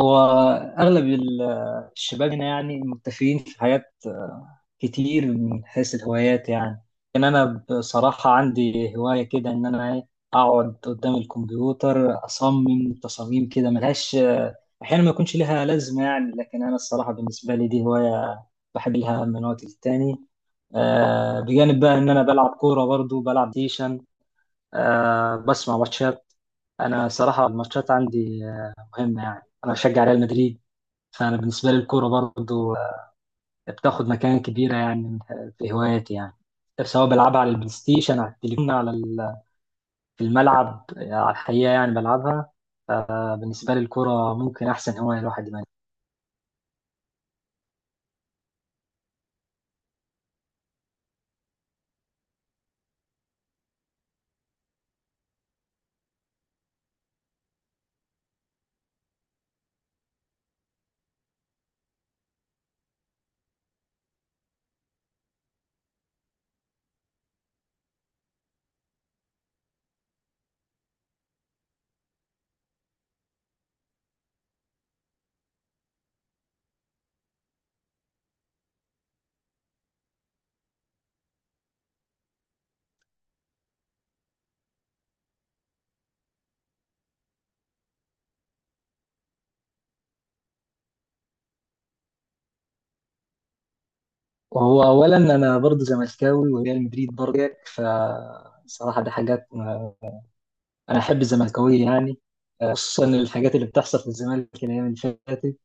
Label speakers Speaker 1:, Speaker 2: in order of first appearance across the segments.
Speaker 1: هو أغلب الشباب هنا يعني متفقين في حاجات كتير من حيث الهوايات يعني. كان أنا بصراحة عندي هواية كده إن أنا إيه أقعد قدام الكمبيوتر أصمم تصاميم كده ملهاش أحيانا ما يكونش لها لازمة يعني، لكن أنا الصراحة بالنسبة لي دي هواية بحب لها من وقت للتاني. بجانب بقى إن أنا بلعب كورة، برضو بلعب ديشن، أه بسمع ماتشات. انا صراحه الماتشات عندي مهمه يعني، انا بشجع ريال مدريد. فانا بالنسبه لي الكوره برضو بتاخد مكان كبيره يعني في هواياتي يعني، سواء بلعبها على البلاي ستيشن، على التليفون، على في الملعب على الحقيقه يعني بلعبها. فبالنسبه لي الكوره ممكن احسن هوايه الواحد يمارسها. وهو اولا انا برضو زملكاوي وريال مدريد برضو زيك، فصراحه دي حاجات انا احب الزملكاويه يعني. خصوصا الحاجات اللي بتحصل في الزمالك الايام اللي فاتت.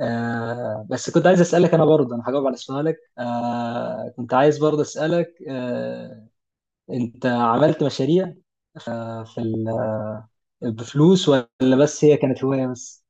Speaker 1: بس كنت عايز اسالك، انا برضه انا هجاوب على سؤالك. كنت عايز برضه اسالك، انت عملت مشاريع في بفلوس، ولا بس هي كانت هوايه بس؟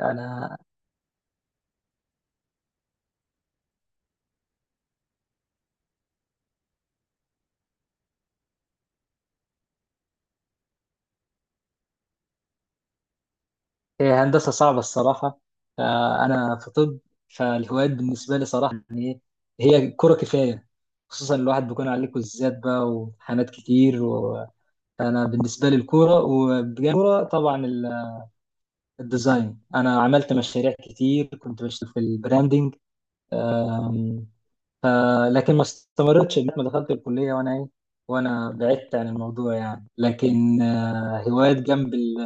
Speaker 1: انا هي هندسه صعبه الصراحه، فانا في طب. فالهوايات بالنسبه لي صراحه يعني هي كره كفايه، خصوصا الواحد بيكون عليك كويزات بقى وامتحانات كتير فانا بالنسبه لي الكوره، وبجانب الكوره طبعا الديزاين. انا عملت مشاريع كتير، كنت بشتغل في البراندنج. أم، ف- لكن ما استمرتش لغاية ما دخلت الكليه، وانا ايه وانا بعدت عن الموضوع يعني. لكن هوايات جنب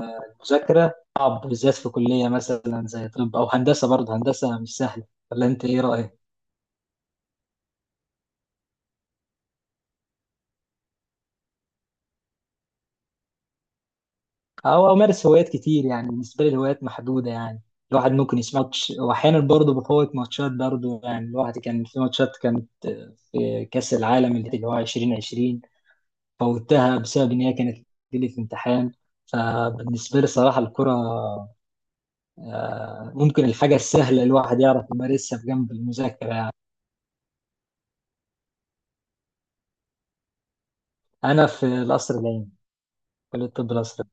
Speaker 1: المذاكره صعب، بالذات في كليه مثلا زي طب او هندسه، برضه هندسه مش سهله. ولا انت ايه رايك؟ او امارس هوايات كتير يعني، بالنسبه لي الهوايات محدوده يعني. الواحد ممكن يسمع ماتش، واحيانا برضه بفوت ماتشات برضه يعني. الواحد كان في ماتشات، كان في كاس العالم اللي هو 2020 فوتها بسبب ان هي كانت لي في امتحان. فبالنسبه لي صراحه الكره ممكن الحاجه السهله الواحد يعرف يمارسها في جنب المذاكره يعني. انا في القصر العيني، كليه الطب الازهري.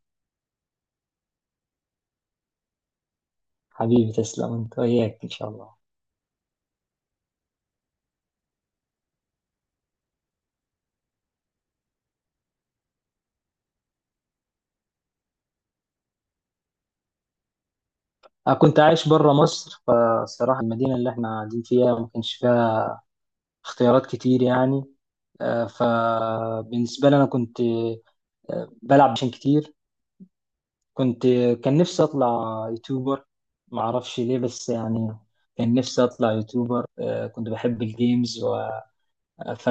Speaker 1: حبيبي تسلم، انت وياك ان شاء الله. انا كنت عايش بره مصر، فالصراحه المدينه اللي احنا قاعدين فيها ما كانش فيها اختيارات كتير يعني. فبالنسبه لي انا كنت بلعب عشان كتير. كنت كان نفسي اطلع يوتيوبر، ما اعرفش ليه بس يعني. كان نفسي اطلع يوتيوبر، كنت بحب الجيمز ف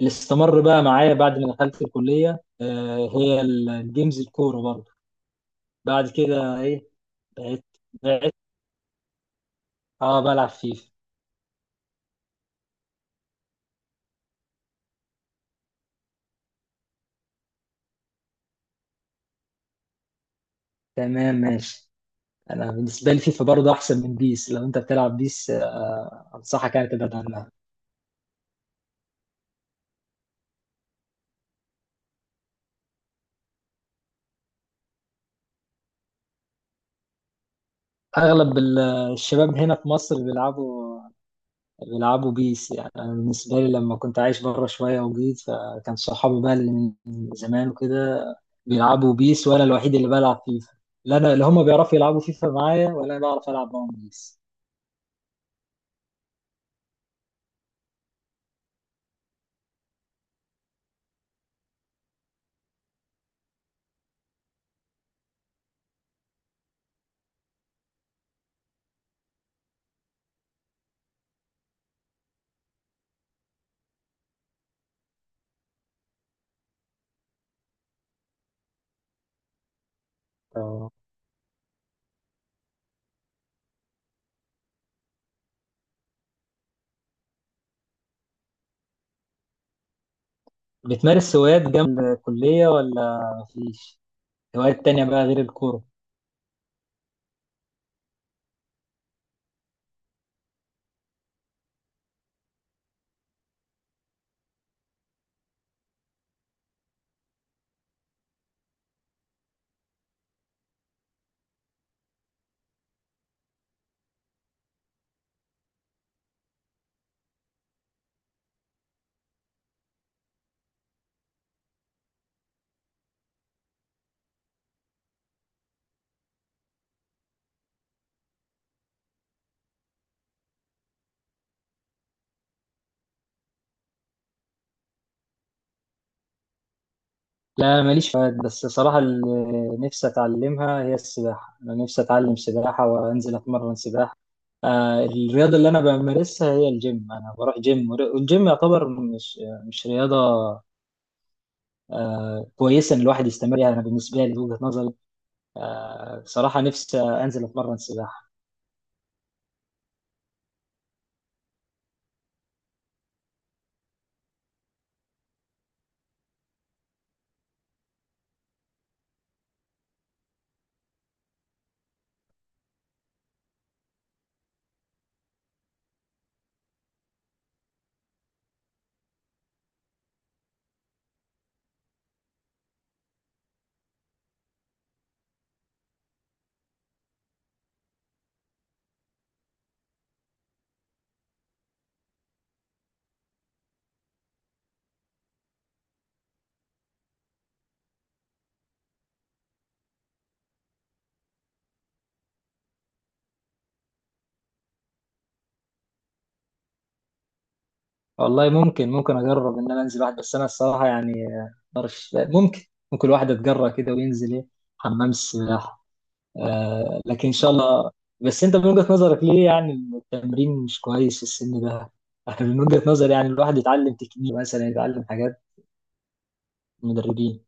Speaker 1: اللي استمر بقى معايا بعد ما دخلت الكلية هي الجيمز، الكورة برضه. بعد كده ايه؟ بعت بعت. اه بلعب فيفا. تمام ماشي. انا بالنسبة لي فيفا برضه احسن من بيس. لو انت بتلعب بيس انصحك يعني تبعد عنها. اغلب الشباب هنا في مصر بيلعبوا بيس يعني. أنا بالنسبة لي لما كنت عايش بره شوية وجيت، فكان صحابي بقى اللي من زمان وكده بيلعبوا بيس، وأنا الوحيد اللي بلعب فيفا. لا أنا اللي هما بيعرفوا يلعبوا فيفا معايا، ولا أنا بعرف ألعب معاهم بيس. ف- بتمارس هوايات جنب الكلية ولا مفيش؟ هوايات تانية بقى غير الكورة؟ لا ماليش فوائد، بس صراحة اللي نفسي أتعلمها هي السباحة. أنا نفسي أتعلم سباحة وأنزل أتمرن سباحة. الرياضة اللي أنا بمارسها هي الجيم، أنا بروح جيم، والجيم يعتبر مش رياضة. كويسة إن الواحد يستمر يعني، أنا بالنسبة لي وجهة نظري. صراحة نفسي أنزل أتمرن سباحة. والله ممكن أجرب إن أنا أنزل واحد. بس أنا الصراحة يعني ممكن الواحد يتجرأ كده وينزل حمام السباحة. لكن ان شاء الله. بس انت من وجهة نظرك ليه يعني التمرين مش كويس في السن ده؟ انا من وجهة نظري يعني الواحد يتعلم تكنيك مثلا، يتعلم حاجات، مدربين.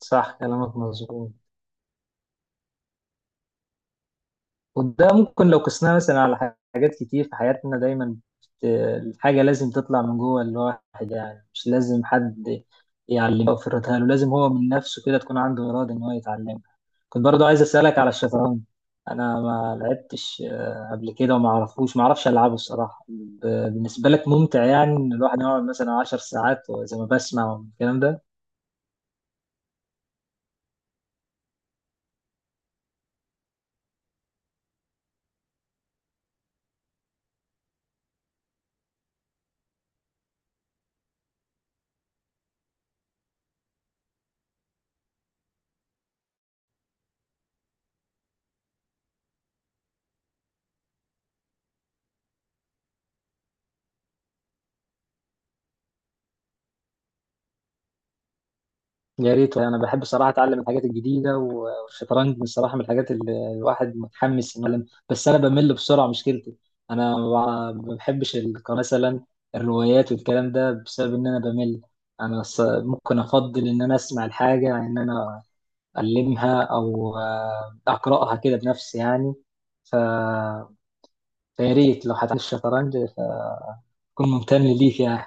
Speaker 1: صح كلامك مظبوط. وده ممكن لو قسناه مثلا على حاجات كتير في حياتنا دايما. بت- الحاجة لازم تطلع من جوه الواحد يعني، مش لازم حد يعلمه أو يفرضها له. لازم هو من نفسه كده تكون عنده إرادة إن هو يتعلمها. كنت برضو عايز أسألك على الشطرنج. أنا ما لعبتش قبل كده، وما أعرفوش ما أعرفش ألعبه الصراحة. بالنسبة لك ممتع يعني إن الواحد يقعد مثلا 10 ساعات، وزي ما بسمع والكلام ده؟ يا ريت والله، انا بحب الصراحه اتعلم الحاجات الجديده، والشطرنج الصراحه من الحاجات اللي الواحد متحمس انه يتعلم. بس انا بمل بسرعه، مشكلتي انا ما بحبش مثلا الروايات والكلام ده بسبب ان انا بمل. انا ممكن افضل ان انا اسمع الحاجه عن ان انا المها، او اقراها كده بنفسي يعني. ف فيا ريت لو هتعلم الشطرنج، فكون ممتن ليك يعني.